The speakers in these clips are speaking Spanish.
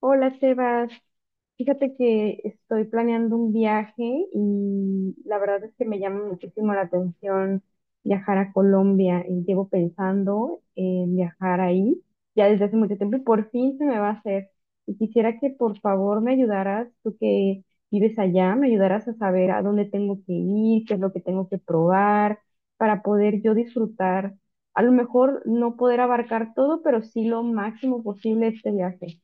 Hola, Sebas. Fíjate que estoy planeando un viaje y la verdad es que me llama muchísimo la atención viajar a Colombia. Y llevo pensando en viajar ahí ya desde hace mucho tiempo y por fin se me va a hacer. Y quisiera que por favor me ayudaras, tú que vives allá, me ayudaras a saber a dónde tengo que ir, qué es lo que tengo que probar para poder yo disfrutar. A lo mejor no poder abarcar todo, pero sí lo máximo posible este viaje.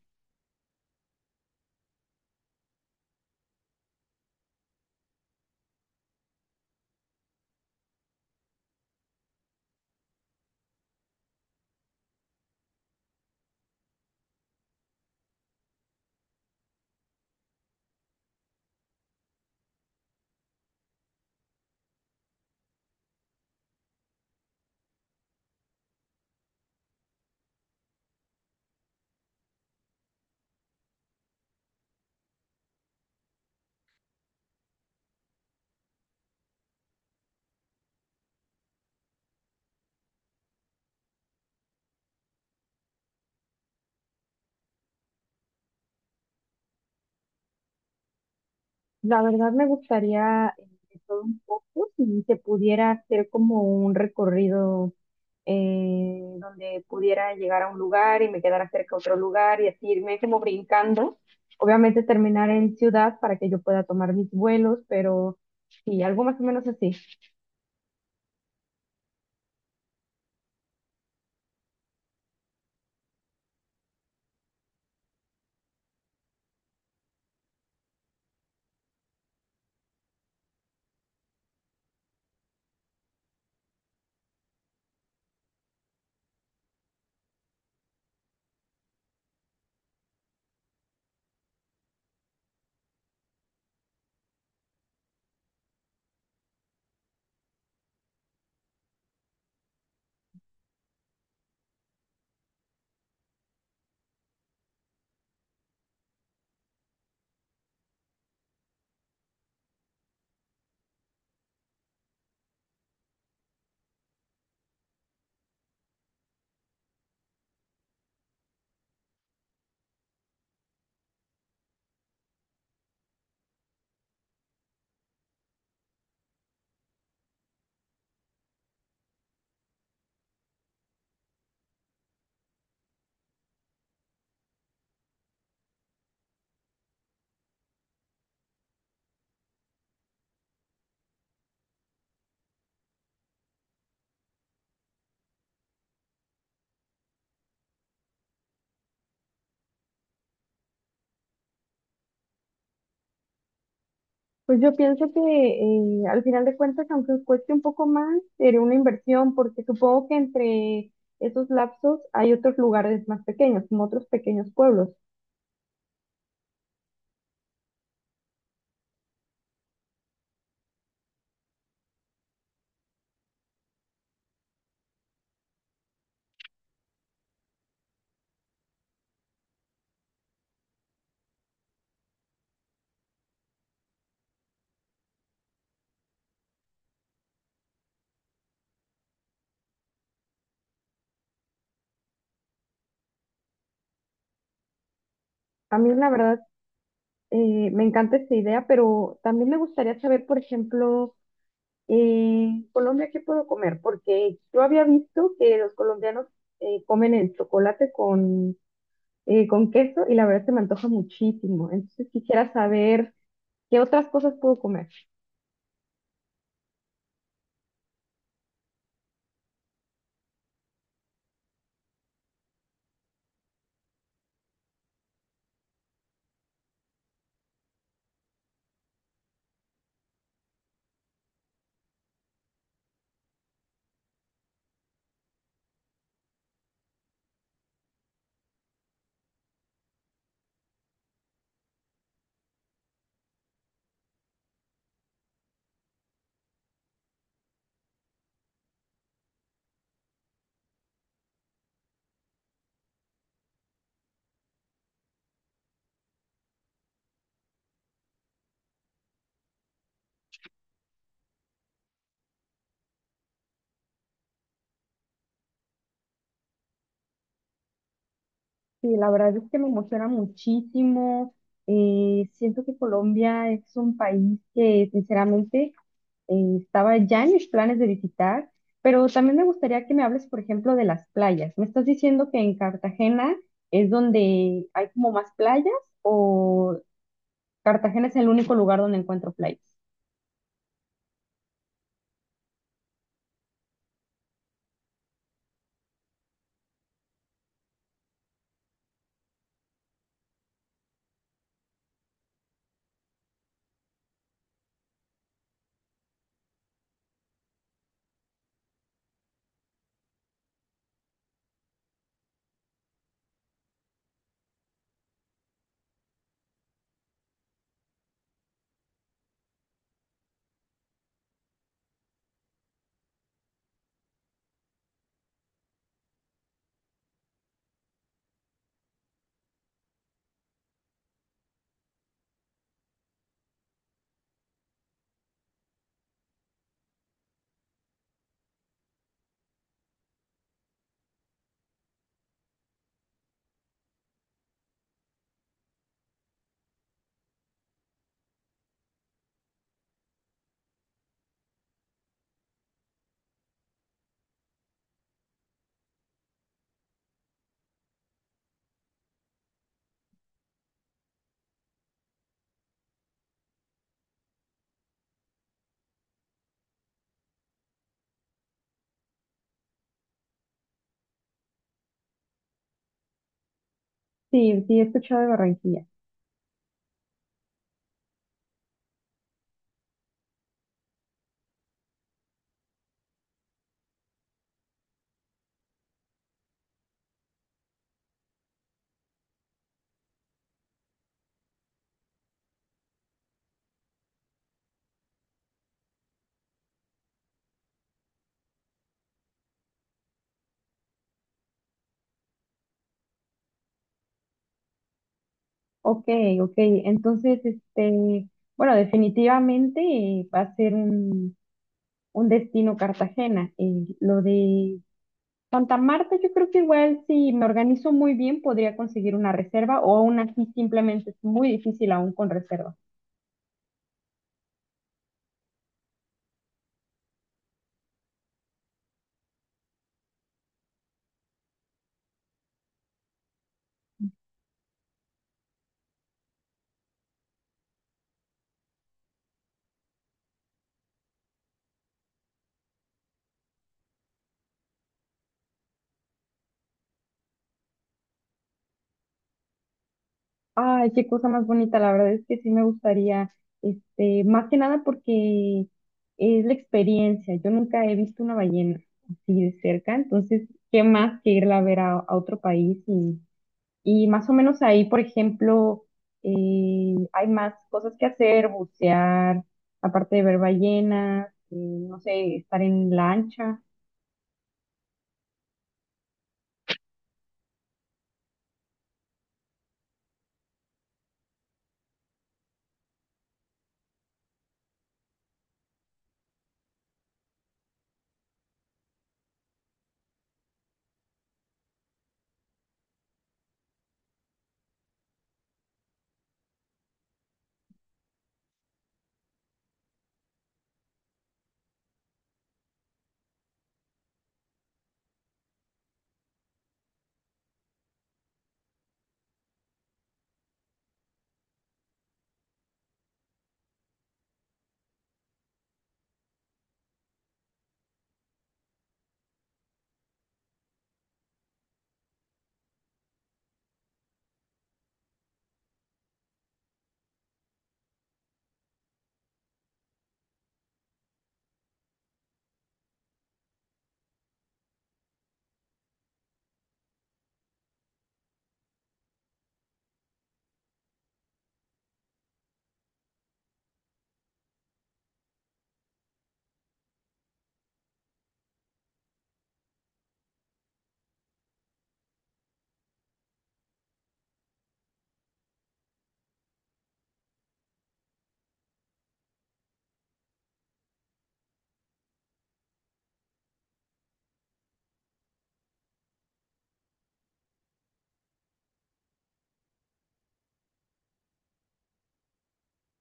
La verdad me gustaría de todo un poco, si se pudiera hacer como un recorrido, donde pudiera llegar a un lugar y me quedara cerca a otro lugar y así irme como brincando. Obviamente terminar en ciudad para que yo pueda tomar mis vuelos, pero sí, algo más o menos así. Pues yo pienso que, al final de cuentas, aunque cueste un poco más, sería una inversión porque supongo que entre esos lapsos hay otros lugares más pequeños, como otros pequeños pueblos. A mí la verdad, me encanta esta idea, pero también me gustaría saber, por ejemplo, en Colombia, ¿qué puedo comer? Porque yo había visto que los colombianos comen el chocolate con queso y la verdad se me antoja muchísimo. Entonces quisiera saber qué otras cosas puedo comer. Sí, la verdad es que me emociona muchísimo. Siento que Colombia es un país que, sinceramente, estaba ya en mis planes de visitar, pero también me gustaría que me hables, por ejemplo, de las playas. ¿Me estás diciendo que en Cartagena es donde hay como más playas o Cartagena es el único lugar donde encuentro playas? Sí, sí, he escuchado de Barranquilla. Ok, ok. Entonces, este, bueno, definitivamente, va a ser un destino Cartagena. Lo de Santa Marta, yo creo que igual si me organizo muy bien podría conseguir una reserva o aún así simplemente es muy difícil aún con reserva. Ay, qué cosa más bonita, la verdad es que sí me gustaría, este, más que nada porque es la experiencia. Yo nunca he visto una ballena así de cerca, entonces, ¿qué más que irla a ver a otro país? Y más o menos ahí, por ejemplo, hay más cosas que hacer, bucear, aparte de ver ballenas, no sé, estar en lancha.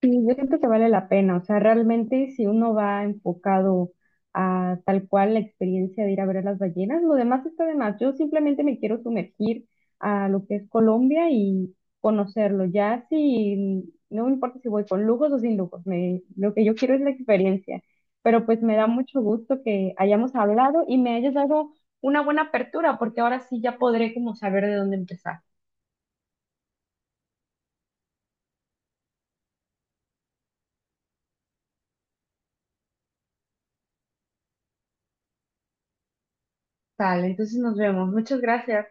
Sí, yo siento que vale la pena, o sea, realmente si uno va enfocado a tal cual la experiencia de ir a ver a las ballenas, lo demás está de más. Yo simplemente me quiero sumergir a lo que es Colombia y conocerlo. Ya, si no me importa si voy con lujos o sin lujos, me- lo que yo quiero es la experiencia. Pero pues me da mucho gusto que hayamos hablado y me hayas dado una buena apertura, porque ahora sí ya podré como saber de dónde empezar. Tal, entonces nos vemos. Muchas gracias.